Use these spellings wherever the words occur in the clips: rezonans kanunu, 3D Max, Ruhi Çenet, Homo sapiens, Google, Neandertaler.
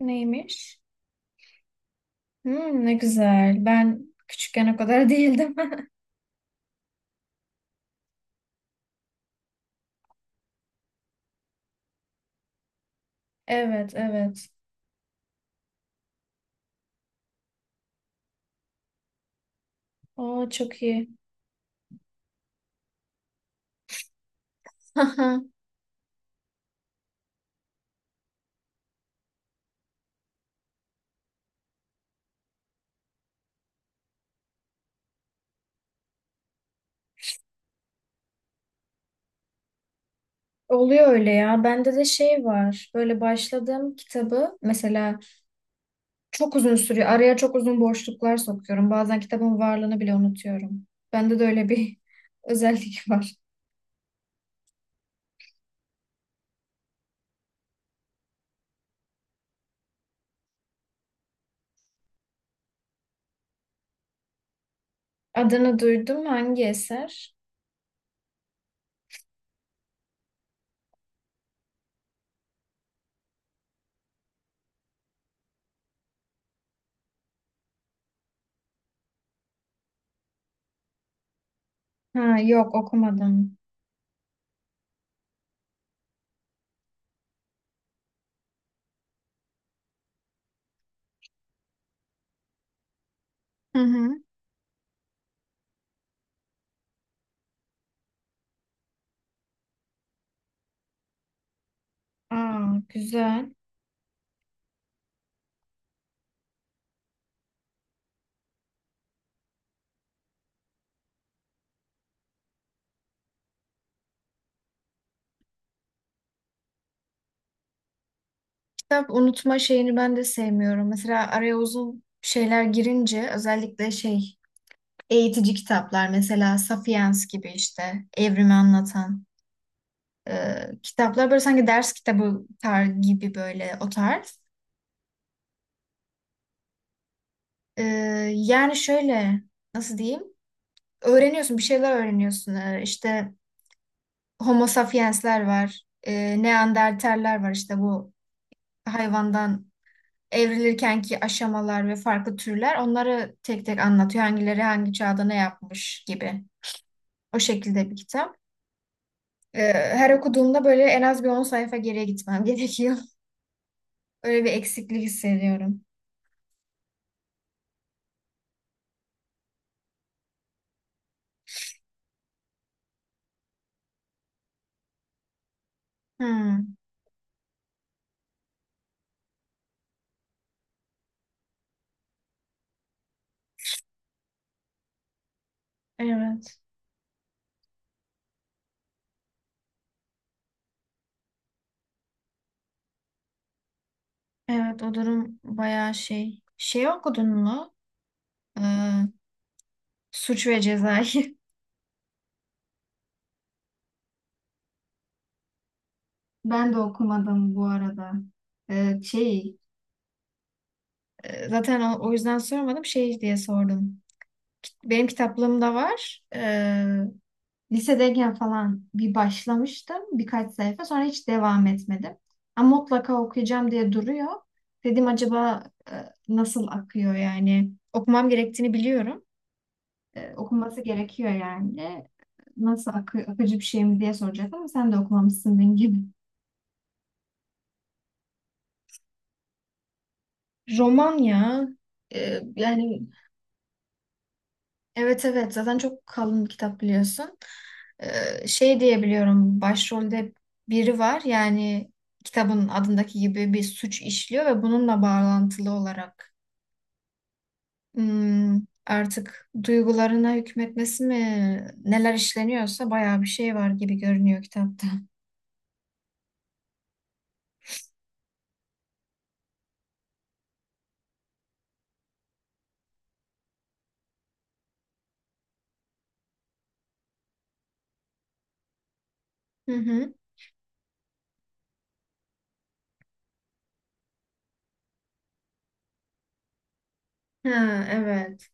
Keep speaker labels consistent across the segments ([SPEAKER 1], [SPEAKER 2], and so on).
[SPEAKER 1] Neymiş? Hmm, ne güzel. Ben küçükken o kadar değildim. Evet, evet. Aa, çok iyi. Haha. Oluyor öyle ya. Bende de şey var. Böyle başladığım kitabı mesela çok uzun sürüyor. Araya çok uzun boşluklar sokuyorum. Bazen kitabın varlığını bile unutuyorum. Bende de öyle bir özellik var. Adını duydum. Hangi eser? Ha, yok okumadım. Hı hı. Aa, güzel. Kitap unutma şeyini ben de sevmiyorum. Mesela araya uzun şeyler girince özellikle şey eğitici kitaplar mesela Sapiens gibi işte evrimi anlatan e, kitaplar böyle sanki ders kitabı tar gibi böyle o tarz. E, yani şöyle nasıl diyeyim? Öğreniyorsun bir şeyler öğreniyorsun. İşte Homo sapiensler var. Neandertaller var işte bu hayvandan evrilirkenki aşamalar ve farklı türler onları tek tek anlatıyor. Hangileri hangi çağda ne yapmış gibi. O şekilde bir kitap. Her okuduğumda böyle en az bir 10 sayfa geriye gitmem gerekiyor. Öyle bir eksiklik hissediyorum. Hmm, evet. Evet o durum bayağı şey. Şey okudun mu? Ee, Suç ve Ceza'yı. Ben de okumadım bu arada. Ee, şey zaten o yüzden sormadım şey diye sordum. Benim kitaplığımda var. Lisedeyken falan bir başlamıştım birkaç sayfa sonra hiç devam etmedim. Ama mutlaka okuyacağım diye duruyor. Dedim acaba e, nasıl akıyor yani? Okumam gerektiğini biliyorum. Okunması gerekiyor yani. Akıcı bir şey mi diye soracaktım ama sen de okumamışsın benim gibi. Roman ya. E, yani Evet evet zaten çok kalın bir kitap biliyorsun. Şey diyebiliyorum başrolde biri var yani kitabın adındaki gibi bir suç işliyor ve bununla bağlantılı olarak hmm, artık duygularına hükmetmesi mi neler işleniyorsa bayağı bir şey var gibi görünüyor kitapta. Hı hı. Ha, evet.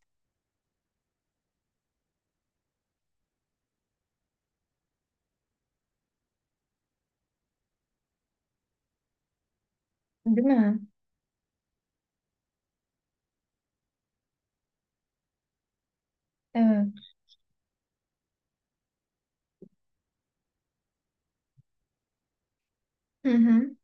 [SPEAKER 1] Değil mi? Evet. Hı hı.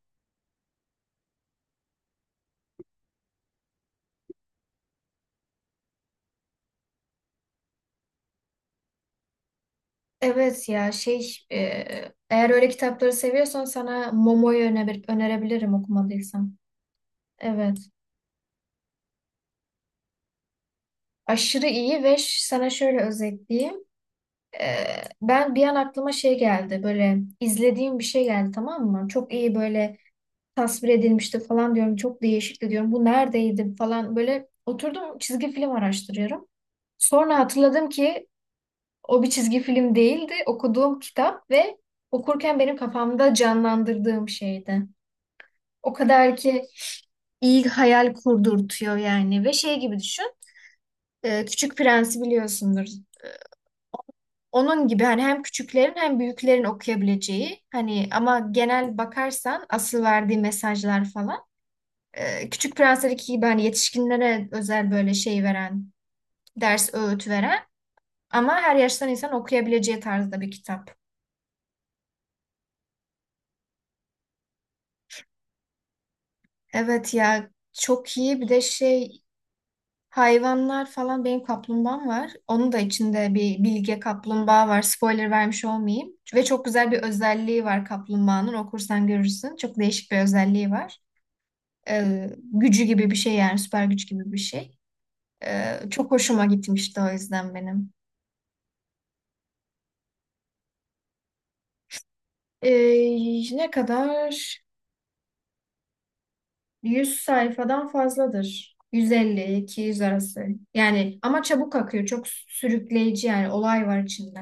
[SPEAKER 1] Evet ya, eğer öyle kitapları seviyorsan sana Momo'yu önerebilirim okumadıysan. Evet. Aşırı iyi ve sana şöyle özetleyeyim. Ee, ben bir an aklıma şey geldi böyle izlediğim bir şey geldi tamam mı? Çok iyi böyle tasvir edilmişti falan diyorum. Çok değişikti diyorum. Bu neredeydi falan böyle oturdum çizgi film araştırıyorum. Sonra hatırladım ki o bir çizgi film değildi. Okuduğum kitap ve okurken benim kafamda canlandırdığım şeydi. O kadar ki iyi hayal kurdurtuyor yani ve şey gibi düşün. Küçük Prens'i biliyorsundur. Onun gibi hani hem küçüklerin hem büyüklerin okuyabileceği hani ama genel bakarsan asıl verdiği mesajlar falan Küçük Prensler'deki gibi hani yetişkinlere özel böyle şey veren, ders öğüt veren ama her yaştan insan okuyabileceği tarzda bir kitap. Evet ya çok iyi bir de şey hayvanlar falan benim kaplumbağam var. Onun da içinde bir bilge kaplumbağa var. Spoiler vermiş olmayayım. Ve çok güzel bir özelliği var kaplumbağanın. Okursan görürsün. Çok değişik bir özelliği var. Gücü gibi bir şey yani süper güç gibi bir şey. Çok hoşuma gitmişti o yüzden benim. Ne kadar? 100 sayfadan fazladır. 150 yüz arası. Yani ama çabuk akıyor. Çok sürükleyici yani olay var içinde.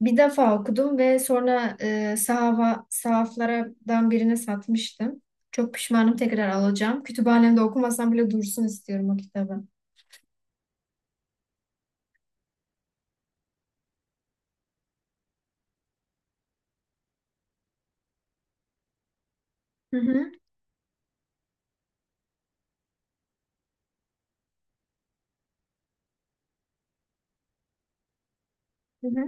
[SPEAKER 1] Bir defa okudum ve sonra sahaflardan birine satmıştım. Çok pişmanım tekrar alacağım. Kütüphanemde okumasam bile dursun istiyorum o kitabı. Hı hı. Hı hı.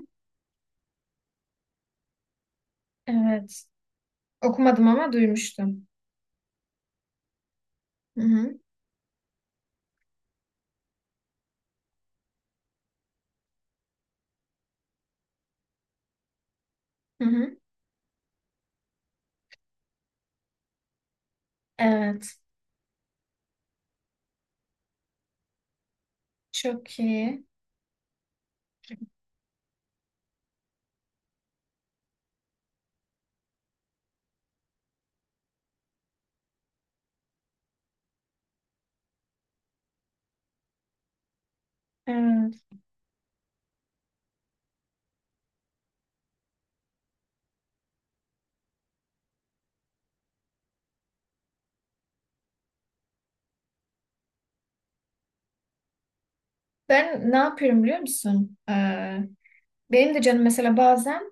[SPEAKER 1] Evet. Okumadım ama duymuştum. Hı hı. Hı hı. Evet. Çok iyi. Evet. Ben ne yapıyorum biliyor musun? Benim de canım mesela bazen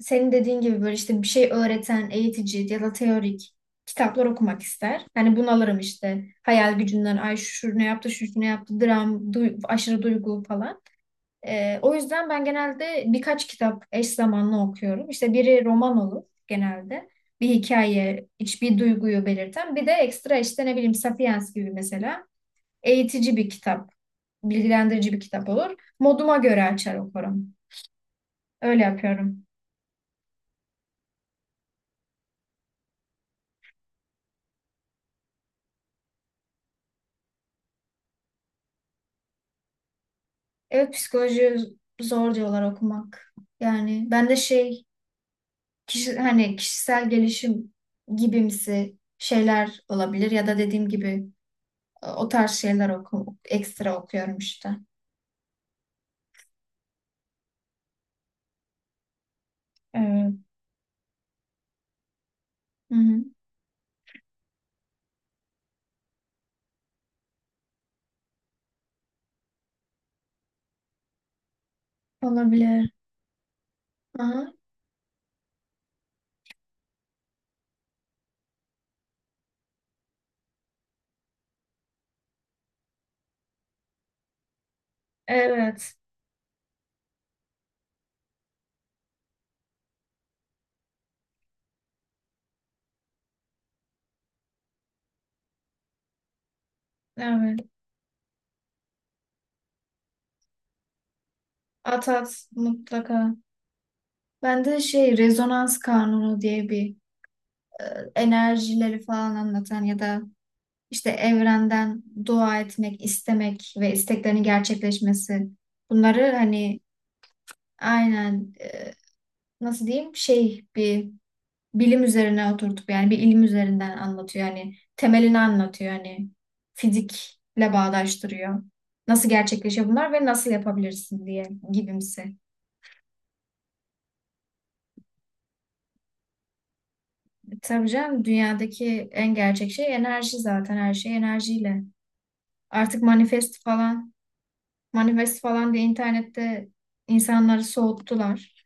[SPEAKER 1] senin dediğin gibi böyle işte bir şey öğreten, eğitici ya da teorik kitaplar okumak ister. Hani bunalırım işte. Hayal gücünden ay şu ne yaptı, şu ne yaptı, dram, aşırı duygu falan. O yüzden ben genelde birkaç kitap eş zamanlı okuyorum. İşte biri roman olur genelde. Bir hikaye, hiçbir duyguyu belirten. Bir de ekstra işte ne bileyim Sapiens gibi mesela. Eğitici bir kitap, bilgilendirici bir kitap olur. Moduma göre açar okurum. Öyle yapıyorum. Evet psikoloji zor diyorlar okumak. Yani ben de şey kişi, hani kişisel gelişim gibimsi şeyler olabilir ya da dediğim gibi o tarz şeyler ekstra okuyorum işte. Evet. Hı hı. Olabilir. Aha. Evet. Evet. At at mutlaka. Ben de şey rezonans kanunu diye bir enerjileri falan anlatan ya da İşte evrenden dua etmek, istemek ve isteklerin gerçekleşmesi. Bunları hani aynen nasıl diyeyim şey bir bilim üzerine oturtup yani bir ilim üzerinden anlatıyor. Yani temelini anlatıyor. Yani fizikle bağdaştırıyor. Nasıl gerçekleşiyor bunlar ve nasıl yapabilirsin diye gibimsi. E, tabii canım dünyadaki en gerçek şey enerji zaten her şey enerjiyle. Artık manifest falan manifest falan diye internette insanları soğuttular.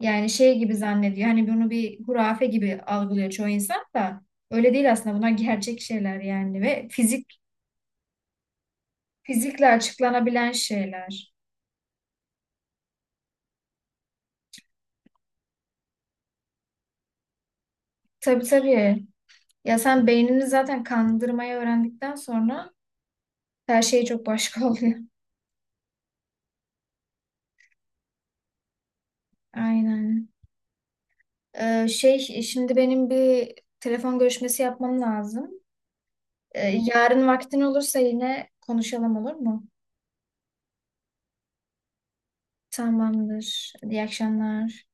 [SPEAKER 1] Yani şey gibi zannediyor. Hani bunu bir hurafe gibi algılıyor çoğu insan da. Öyle değil aslında. Bunlar gerçek şeyler yani ve fizikle açıklanabilen şeyler. Tabii tabii. Ya sen beynini zaten kandırmayı öğrendikten sonra her şey çok başka oluyor. Aynen. Şimdi benim bir telefon görüşmesi yapmam lazım. Yarın vaktin olursa yine konuşalım olur mu? Tamamdır. İyi akşamlar.